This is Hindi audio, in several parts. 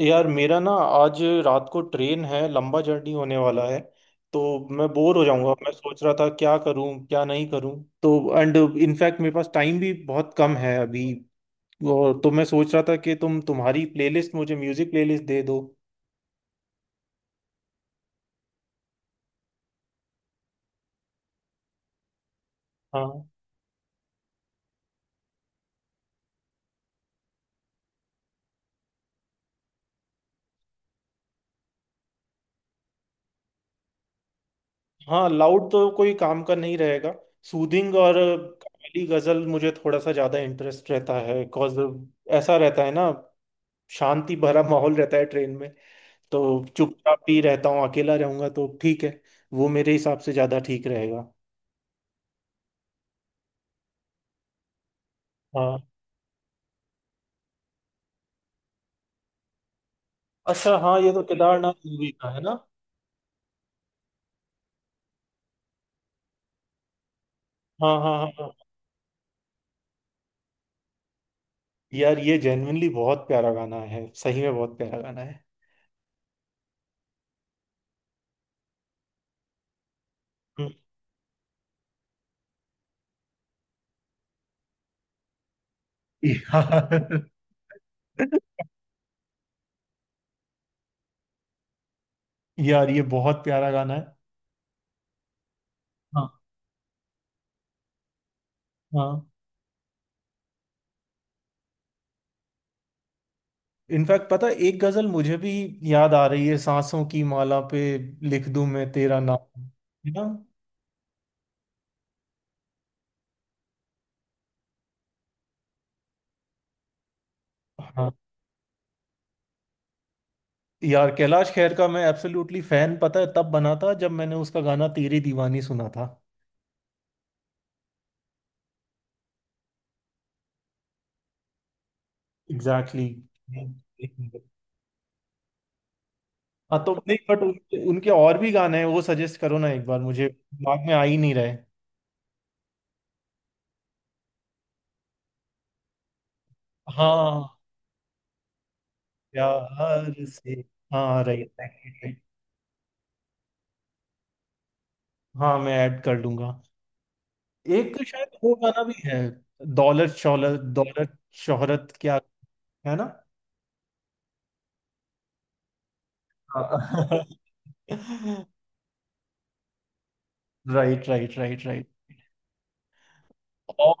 यार मेरा ना आज रात को ट्रेन है। लंबा जर्नी होने वाला है तो मैं बोर हो जाऊंगा। मैं सोच रहा था क्या करूं क्या नहीं करूं। तो एंड इनफैक्ट मेरे पास टाइम भी बहुत कम है अभी। और तो मैं सोच रहा था कि तुम तुम्हारी प्लेलिस्ट मुझे म्यूजिक प्लेलिस्ट दे दो। हाँ। हाँ लाउड तो कोई काम का नहीं रहेगा। सूदिंग और कव्वाली गजल मुझे थोड़ा सा ज्यादा इंटरेस्ट रहता है बिकॉज ऐसा रहता है ना। शांति भरा माहौल रहता है ट्रेन में। तो चुपचाप ही रहता हूँ। अकेला रहूंगा तो ठीक है। वो मेरे हिसाब से ज्यादा ठीक रहेगा। हाँ। अच्छा हाँ ये तो केदारनाथ मूवी का है ना। हाँ हाँ हाँ हाँ। यार ये जेन्युइनली बहुत प्यारा गाना है। सही में बहुत प्यारा गाना है। हम्म। यार। यार ये बहुत प्यारा गाना है। हाँ हाँ। इनफैक्ट पता है, एक गजल मुझे भी याद आ रही है, सांसों की माला पे लिख दूं मैं तेरा नाम। है ना। हाँ यार कैलाश खेर का मैं एब्सोल्युटली फैन। पता है तब बना था जब मैंने उसका गाना तेरी दीवानी सुना था। एग्जैक्टली। हम्म। हाँ तो नहीं बट उनके और भी गाने हैं वो सजेस्ट करो ना एक बार। मुझे दिमाग में आ ही नहीं रहे। हाँ प्यार से। हाँ राइट राइट। हाँ मैं ऐड कर लूंगा। एक तो शायद वो गाना भी है, दौलत शौलत दौलत शोहरत क्या। है ना। Right right right right. और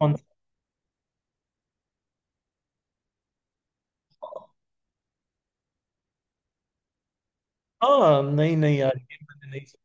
कौन सा? हाँ नहीं नहीं यार ये मैंने नहीं सुना।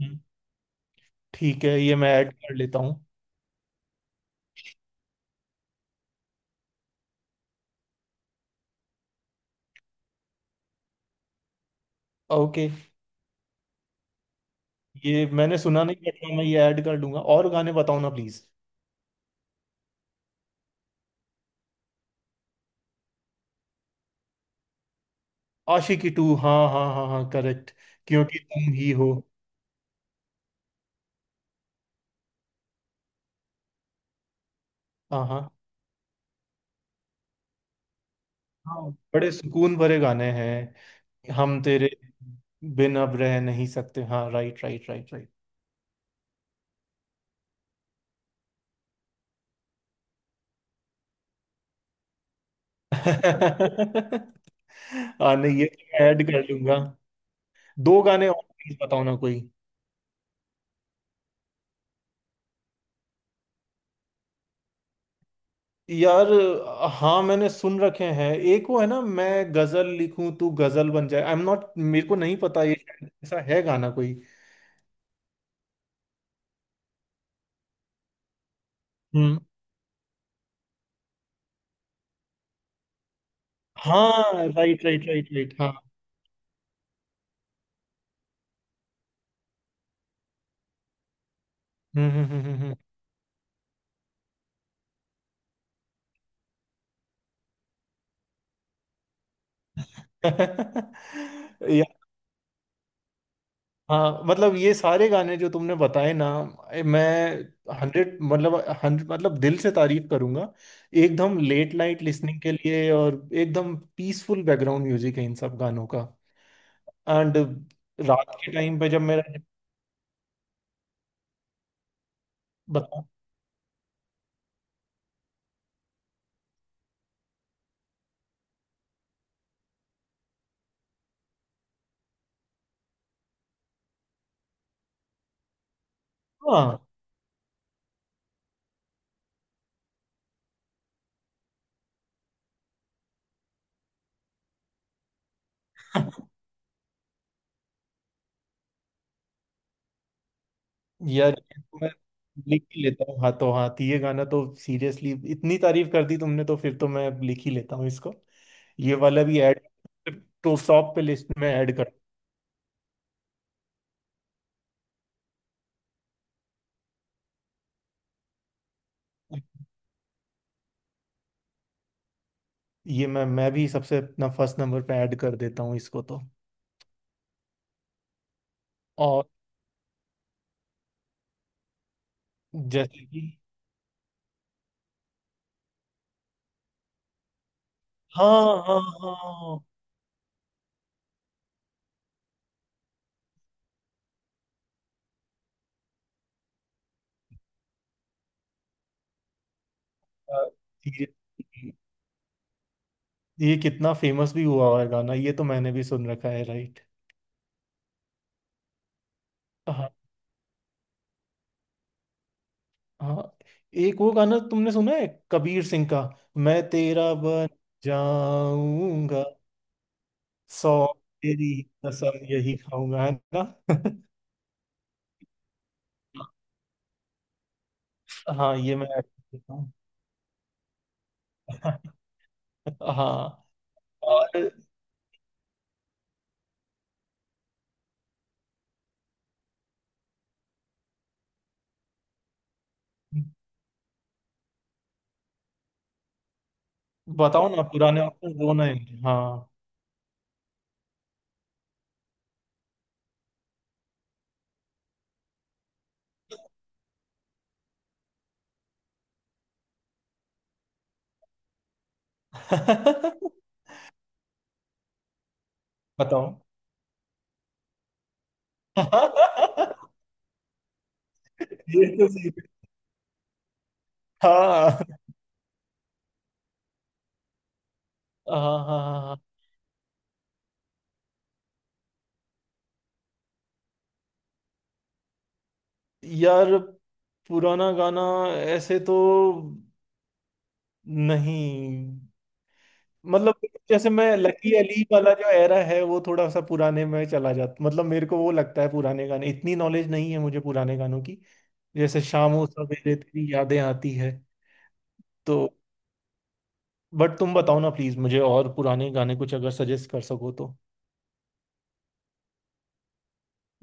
हम्म, ठीक है ये मैं ऐड कर लेता हूँ। ओके। ये मैंने सुना नहीं बट हाँ, मैं ये ऐड कर लूंगा। और गाने बताओ ना प्लीज। आशिकी टू, हाँ हाँ हाँ हाँ करेक्ट। क्योंकि तुम ही हो। हाँ हाँ हाँ बड़े सुकून भरे गाने हैं। हम तेरे बिन अब रह नहीं सकते। हाँ राइट राइट राइट राइट। हाँ नहीं ये ऐड कर लूंगा। दो गाने और प्लीज बताओ ना कोई। यार हाँ मैंने सुन रखे हैं। एक वो है ना, मैं गजल लिखूं तू गजल बन जाए। आई एम नॉट, मेरे को नहीं पता ये शायद ऐसा है गाना कोई। हम्म। हाँ राइट राइट राइट राइट। हाँ। हम्म। या, हाँ मतलब ये सारे गाने जो तुमने बताए ना, मैं 100 मतलब 100 मतलब दिल से तारीफ करूंगा। एकदम लेट नाइट लिसनिंग के लिए। और एकदम पीसफुल बैकग्राउंड म्यूजिक है इन सब गानों का। एंड रात के टाइम पे जब मेरा। हाँ यार ये तो मैं लिख ही लेता हूँ हाथों हाथ। ये गाना तो सीरियसली, इतनी तारीफ कर दी तुमने तो फिर तो मैं लिख ही लेता हूँ इसको। ये वाला भी ऐड, तो टॉप पे लिस्ट में ऐड कर। ये मैं भी सबसे अपना फर्स्ट नंबर पे ऐड कर देता हूँ इसको तो। और जैसे कि। हाँ हाँ हाँ। अ, ये ये कितना फेमस भी हुआ हुआ है गाना, ये तो मैंने भी सुन रखा है। राइट। हाँ एक वो गाना तुमने सुना है कबीर सिंह का, मैं तेरा बन जाऊंगा। 100 तेरी कसम यही खाऊंगा। है ना। हाँ ये मैं ऐड करता हूँ। हाँ और बताओ ना पुराने ऑप्शन दो ना। हाँ। बताओ। ये तो सही है। हाँ हाँ हाँ हाँ, हाँ। यार पुराना गाना ऐसे तो नहीं। मतलब जैसे मैं, लकी अली वाला जो एरा है वो थोड़ा सा पुराने में चला जाता। मतलब मेरे को वो लगता है, पुराने गाने इतनी नॉलेज नहीं है मुझे पुराने गानों की। जैसे शाम हो सवेरे तेरी यादें आती है। तो बट तुम बताओ ना प्लीज मुझे, और पुराने गाने कुछ अगर सजेस्ट कर सको तो।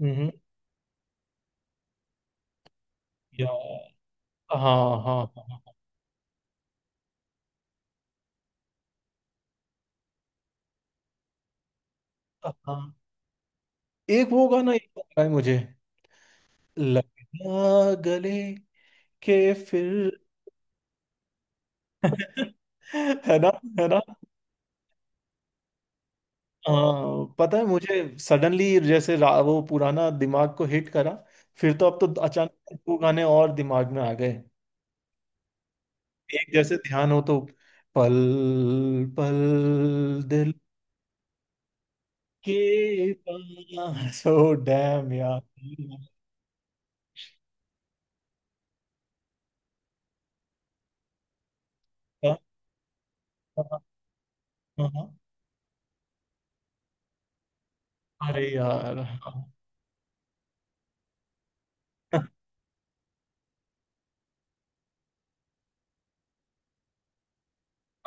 हम्म। या हाँ हाँ हाँ हाँ हाँ। एक वो गाना, एक और गाना है मुझे, लगना गले के फिर। है ना। है ना। अ, पता है मुझे सडनली जैसे वो पुराना दिमाग को हिट करा। फिर तो अब तो अचानक दो गाने और दिमाग में आ गए। एक जैसे, ध्यान हो तो पल पल दिल के पास। ओ डैम यार। हाँ, हाँ, हाँ। अरे यार हाँ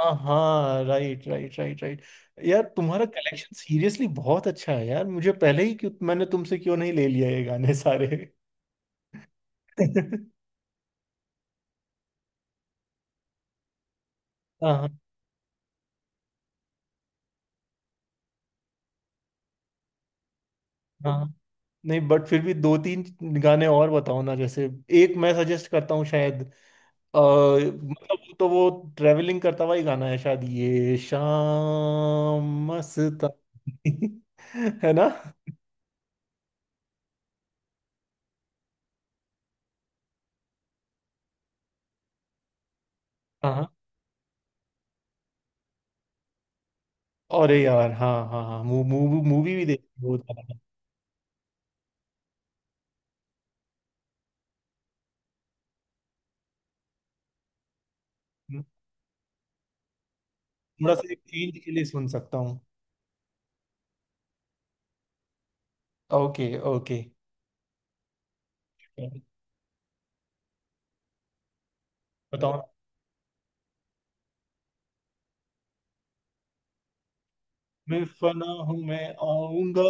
हाँ हाँ, राइट राइट राइट राइट। यार तुम्हारा कलेक्शन सीरियसली बहुत अच्छा है यार। मुझे पहले ही क्यों, मैंने तुमसे क्यों नहीं ले लिया ये गाने सारे। हाँ। हाँ नहीं बट फिर भी दो तीन गाने और बताओ ना, जैसे एक मैं सजेस्ट करता हूँ शायद। मतलब वो ट्रेवलिंग करता हुआ ही गाना है शायद, ये शाम मस्तानी। है ना। हाँ। अरे यार हाँ हाँ हाँ, मूवी मूवी भी देखी बहुत ज्यादा। थोड़ा सा एक चेंज के लिए सुन सकता हूँ। Okay okay. बताओ। मैं फना हूँ मैं आऊंगा।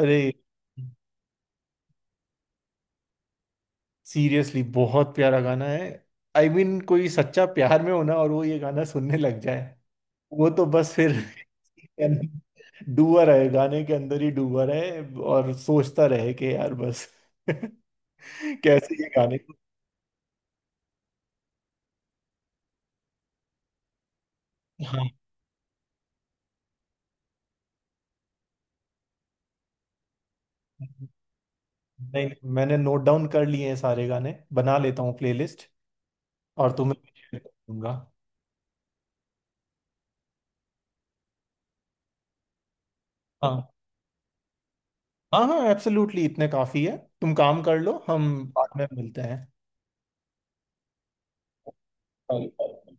अरे। सीरियसली बहुत प्यारा गाना है। आई I मीन mean, कोई सच्चा प्यार में होना और वो ये गाना सुनने लग जाए। वो तो बस फिर। डूबा रहे, गाने के अंदर ही डूबा रहे। और सोचता रहे कि यार बस। कैसे ये गाने को। हाँ नहीं नहीं, मैंने नोट डाउन कर लिए हैं सारे गाने। बना लेता हूँ प्लेलिस्ट। और तुम्हें भी share कर दूंगा। हाँ हाँ हाँ एब्सोल्युटली इतने काफी है, तुम काम कर लो। हम बाद में मिलते हैं।